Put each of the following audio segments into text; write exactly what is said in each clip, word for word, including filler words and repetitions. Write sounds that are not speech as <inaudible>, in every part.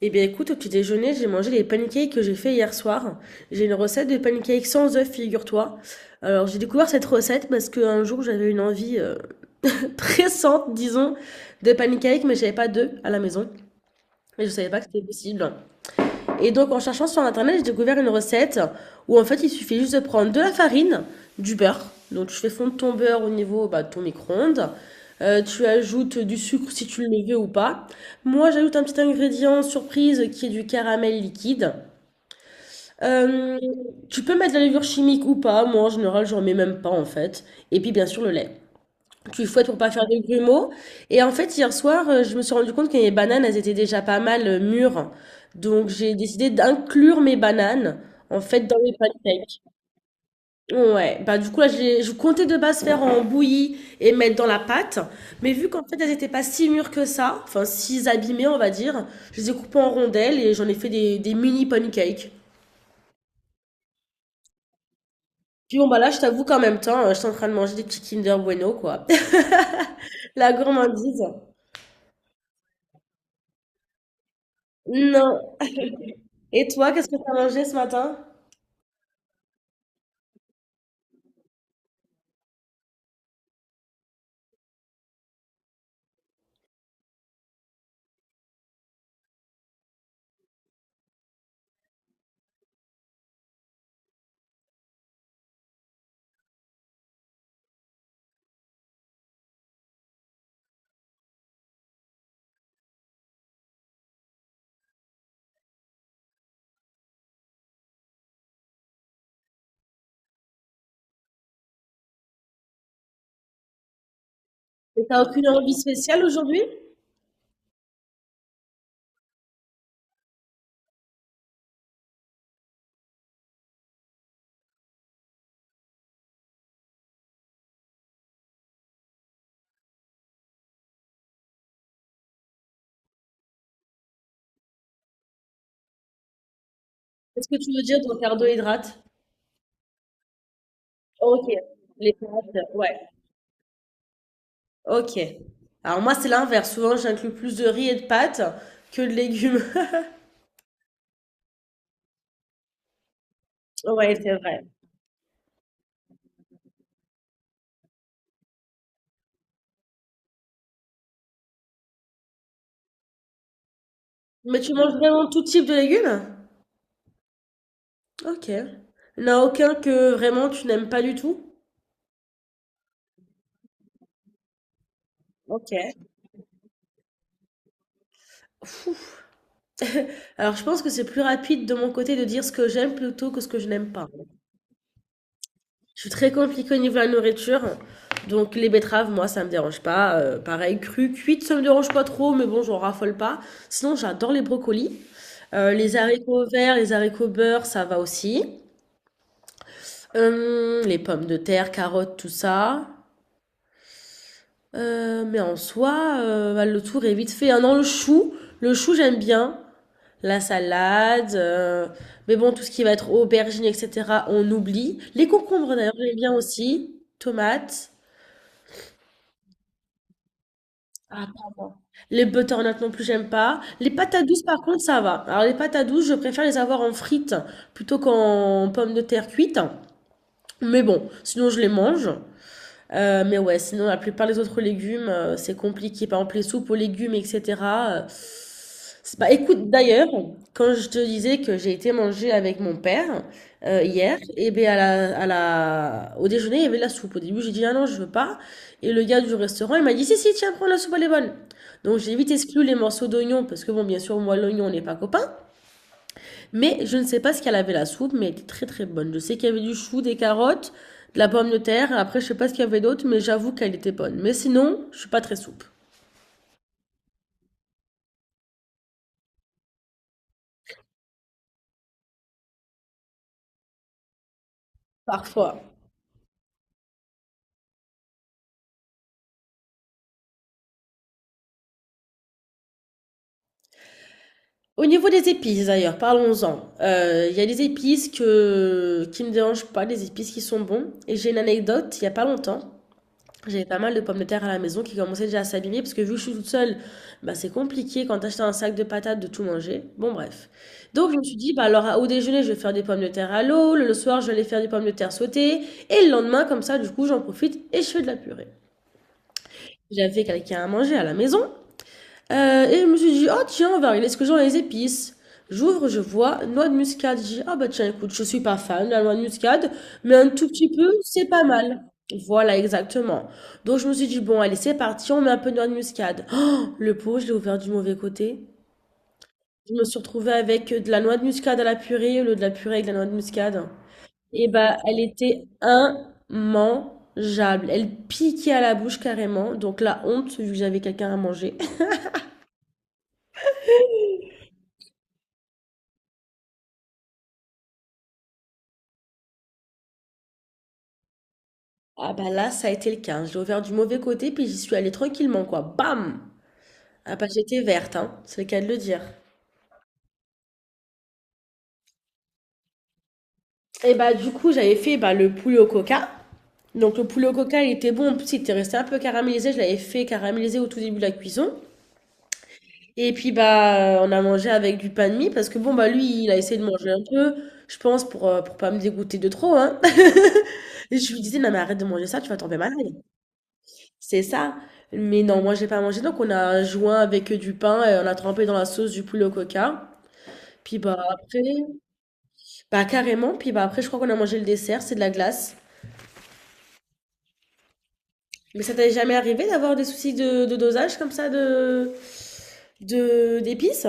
Eh bien écoute, au petit déjeuner, j'ai mangé les pancakes que j'ai fait hier soir. J'ai une recette de pancakes sans œufs, figure-toi. Alors j'ai découvert cette recette parce qu'un jour j'avais une envie euh, <laughs> pressante, disons, de pancakes, mais j'avais pas d'œufs à la maison. Et je savais pas que c'était possible. Et donc en cherchant sur internet, j'ai découvert une recette où en fait il suffit juste de prendre de la farine, du beurre. Donc tu fais fondre ton beurre au niveau bah, de ton micro-ondes. Euh, tu ajoutes du sucre si tu le veux ou pas. Moi j'ajoute un petit ingrédient surprise qui est du caramel liquide. Euh, Tu peux mettre de la levure chimique ou pas. Moi en général j'en mets même pas en fait. Et puis bien sûr le lait. Tu fouettes pour pas faire de grumeaux. Et en fait, hier soir, euh, je me suis rendu compte que mes bananes, elles étaient déjà pas mal euh, mûres. Donc, j'ai décidé d'inclure mes bananes, en fait, dans mes pancakes. Ouais, bah du coup, là, j'ai- je comptais de base faire en bouillie et mettre dans la pâte. Mais vu qu'en fait, elles étaient pas si mûres que ça, enfin, si abîmées, on va dire, je les ai coupées en rondelles et j'en ai fait des, des mini pancakes. Puis bon, bah là, je t'avoue qu'en même temps, euh, je suis en train de manger des petits Kinder Bueno, quoi. <laughs> La gourmandise. Non. <laughs> Et toi, qu'est-ce que tu as mangé ce matin? Et t'as aucune envie spéciale aujourd'hui? Qu'est-ce que tu veux dire ton carbohydrate? Ok, les pâtes, ouais. Ok. Alors moi, c'est l'inverse. Souvent, j'inclus plus de riz et de pâtes que de légumes. <laughs> Ouais, c'est vrai. Mais tu manges vraiment tout type de légumes? Ok. Il n'y en a aucun que vraiment tu n'aimes pas du tout? Ok. <laughs> Alors je pense que c'est plus rapide de mon côté de dire ce que j'aime plutôt que ce que je n'aime pas. Je suis très compliquée au niveau de la nourriture. Donc les betteraves, moi, ça me dérange pas. Euh, pareil, crues, cuites, ça me dérange pas trop, mais bon, j'en raffole pas. Sinon, j'adore les brocolis. Euh, les haricots verts, les haricots beurre, ça va aussi. Euh, les pommes de terre, carottes, tout ça. Euh, mais en soi, euh, bah, le tour est vite fait. Ah non, le chou, le chou j'aime bien. La salade, euh, mais bon, tout ce qui va être aubergine, et cetera, on oublie. Les concombres d'ailleurs, j'aime bien aussi. Tomates. Ah, pardon. Les butternut non plus, j'aime pas. Les patates douces, par contre, ça va. Alors, les patates douces, je préfère les avoir en frites plutôt qu'en pommes de terre cuites. Mais bon, sinon, je les mange. Heu, mais ouais, sinon la plupart des autres légumes, heu, c'est compliqué. Par exemple, les soupes aux légumes et cetera, heu, c'est bah, écoute, d'ailleurs, quand je te disais que j'ai été manger avec mon père, heu, hier et beh, à la à la au déjeuner, il y avait de la soupe. Au début, j'ai dit: «Ah non, je veux pas» et le gars du restaurant, il m'a dit: «Si, si, tiens, prends la soupe, elle est bonne». Donc j'ai vite exclu les morceaux d'oignon parce que bon, bien sûr, moi, l'oignon, on n'est pas copains mais je ne sais pas ce qu'elle avait la soupe, mais elle était très très bonne. Je sais qu'il y avait du chou, des carottes, de la pomme de terre. Après, je sais pas ce qu'il y avait d'autre, mais j'avoue qu'elle était bonne. Mais sinon, je suis pas très soupe. Parfois. Au niveau des épices d'ailleurs, parlons-en. Euh, Il y a des épices que qui ne me dérangent pas, des épices qui sont bons. Et j'ai une anecdote. Il y a pas longtemps, j'avais pas mal de pommes de terre à la maison qui commençaient déjà à s'abîmer parce que vu que je suis toute seule, bah c'est compliqué quand t'achètes un sac de patates de tout manger. Bon bref. Donc je me suis dit, bah alors au déjeuner, je vais faire des pommes de terre à l'eau, le le soir, je vais aller faire des pommes de terre sautées, et le lendemain, comme ça, du coup, j'en profite et je fais de la purée. J'avais quelqu'un à manger à la maison, euh, et je me suis dit, oh tiens, on va regarder ce que j'ai dans les épices. J'ouvre, je vois noix de muscade. Je dis, ah bah tiens, écoute, je suis pas fan de la noix de muscade, mais un tout petit peu, c'est pas mal. Voilà, exactement. Donc je me suis dit, bon, allez, c'est parti, on met un peu de noix de muscade. Oh, le pot, je l'ai ouvert du mauvais côté. Je me suis retrouvée avec de la noix de muscade à la purée au lieu de la purée avec de la noix de muscade. Et bah, elle était immangeable. Elle piquait à la bouche carrément. Donc la honte, vu que j'avais quelqu'un à manger. Ah bah là, ça a été le cas. Hein. Je l'ai ouvert du mauvais côté, puis j'y suis allée tranquillement, quoi. Bam! Ah bah j'étais verte, hein. C'est le cas de le dire. Et bah du coup, j'avais fait bah, le poulet au coca. Donc le poulet au coca, il était bon. En plus, il était resté un peu caramélisé. Je l'avais fait caraméliser au tout début de la cuisson. Et puis bah on a mangé avec du pain de mie parce que bon bah lui, il a essayé de manger un peu, je pense pour euh, pour pas me dégoûter de trop, hein. <laughs> Et je lui disais non mais arrête de manger ça, tu vas tomber malade. C'est ça. Mais non, moi j'ai pas mangé. Donc on a joint avec du pain et on a trempé dans la sauce du poulet au coca. Puis bah après, bah carrément. Puis bah après, je crois qu'on a mangé le dessert, c'est de la glace. Mais ça t'est jamais arrivé d'avoir des soucis de, de dosage comme ça de de d'épices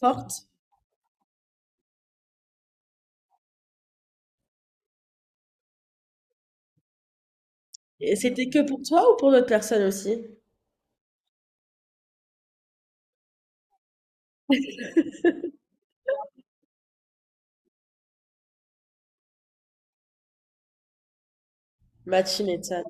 fortes? Et c'était que pour toi ou pour d'autres personnes aussi? Matchy nathan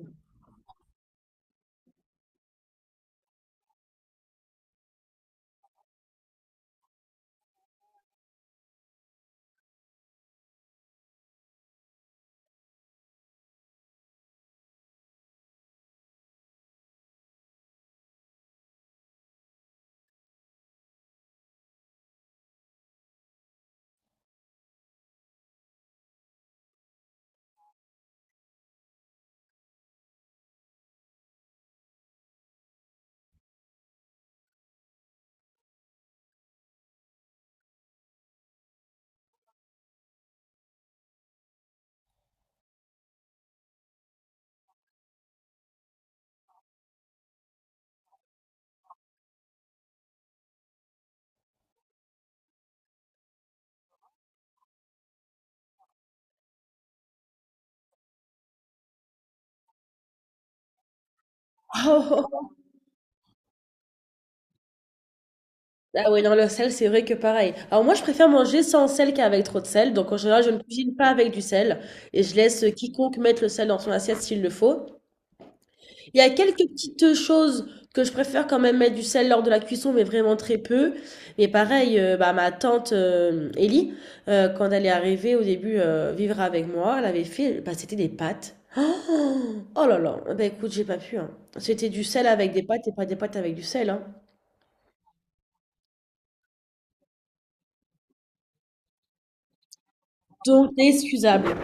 <laughs> Ah oui, non, le sel, c'est vrai que pareil. Alors moi, je préfère manger sans sel qu'avec trop de sel. Donc en général, je ne cuisine pas avec du sel et je laisse quiconque mettre le sel dans son assiette s'il le faut. Il y a quelques petites choses que je préfère quand même mettre du sel lors de la cuisson, mais vraiment très peu. Mais pareil, euh, bah, ma tante euh, Ellie, euh, quand elle est arrivée au début euh, vivre avec moi, elle avait fait, bah, c'était des pâtes. <gasps> Oh, oh là là, bah écoute, j'ai pas pu. Hein. C'était du sel avec des pâtes et pas des pâtes avec du sel. Hein. Donc, excusable.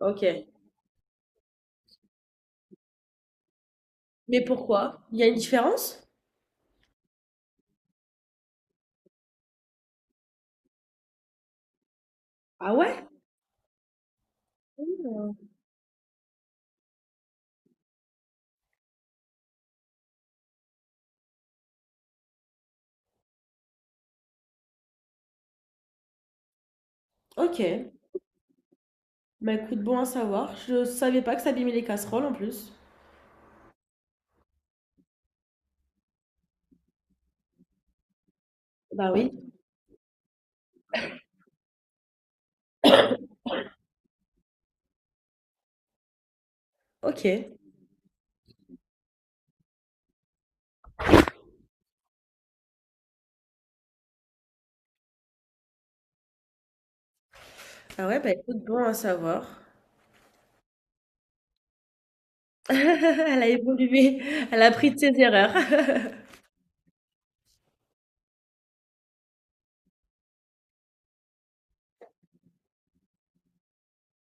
Ok. Mais pourquoi? Il y a une différence? Ah ouais? Ok. Bah écoute, bon à savoir. Je savais pas que ça abîmait les casseroles en plus. Bah oui. Ok. Ah ouais, bah écoute, bon à savoir. <laughs> Elle a évolué, elle a appris de ses erreurs. <laughs>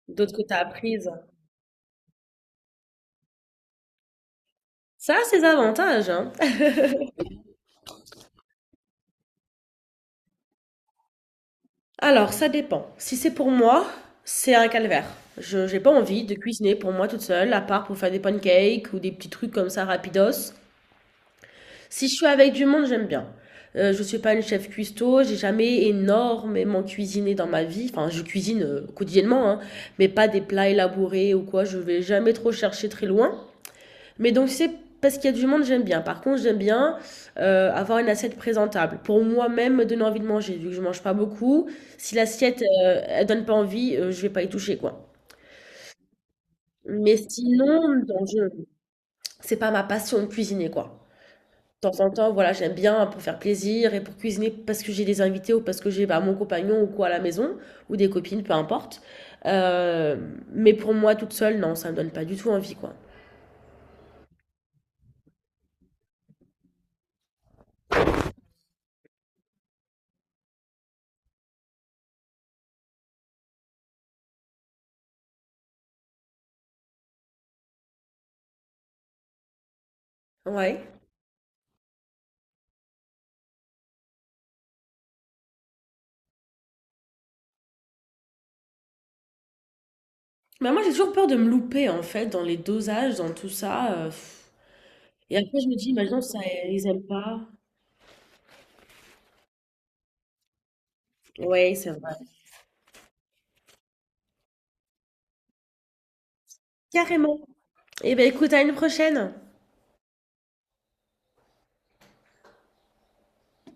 D'autres que t'as apprises. Ça a ses avantages, hein. Alors, ça dépend. Si c'est pour moi, c'est un calvaire. Je, j'ai pas envie de cuisiner pour moi toute seule, à part pour faire des pancakes ou des petits trucs comme ça rapidos. Si je suis avec du monde, j'aime bien. Euh, je suis pas une chef cuistot, j'ai jamais énormément cuisiné dans ma vie. Enfin, je cuisine euh, quotidiennement, hein, mais pas des plats élaborés ou quoi. Je vais jamais trop chercher très loin. Mais donc c'est parce qu'il y a du monde, j'aime bien. Par contre, j'aime bien euh, avoir une assiette présentable. Pour moi-même, me donner envie de manger, vu que je mange pas beaucoup. Si l'assiette, euh, elle donne pas envie, euh, je vais pas y toucher, quoi. Mais sinon, non, je... c'est pas ma passion de cuisiner, quoi. De temps en temps, voilà, j'aime bien pour faire plaisir et pour cuisiner parce que j'ai des invités ou parce que j'ai bah, mon compagnon ou quoi à la maison, ou des copines, peu importe. Euh, mais pour moi, toute seule, non, ça me donne pas du tout envie, quoi. Ouais. Mais moi, j'ai toujours peur de me louper, en fait, dans les dosages, dans tout ça. Euh, pff. Et après, je me dis, imagine, ça, ils aiment pas. Ouais, c'est vrai. Carrément. Eh ben, écoute, à une prochaine.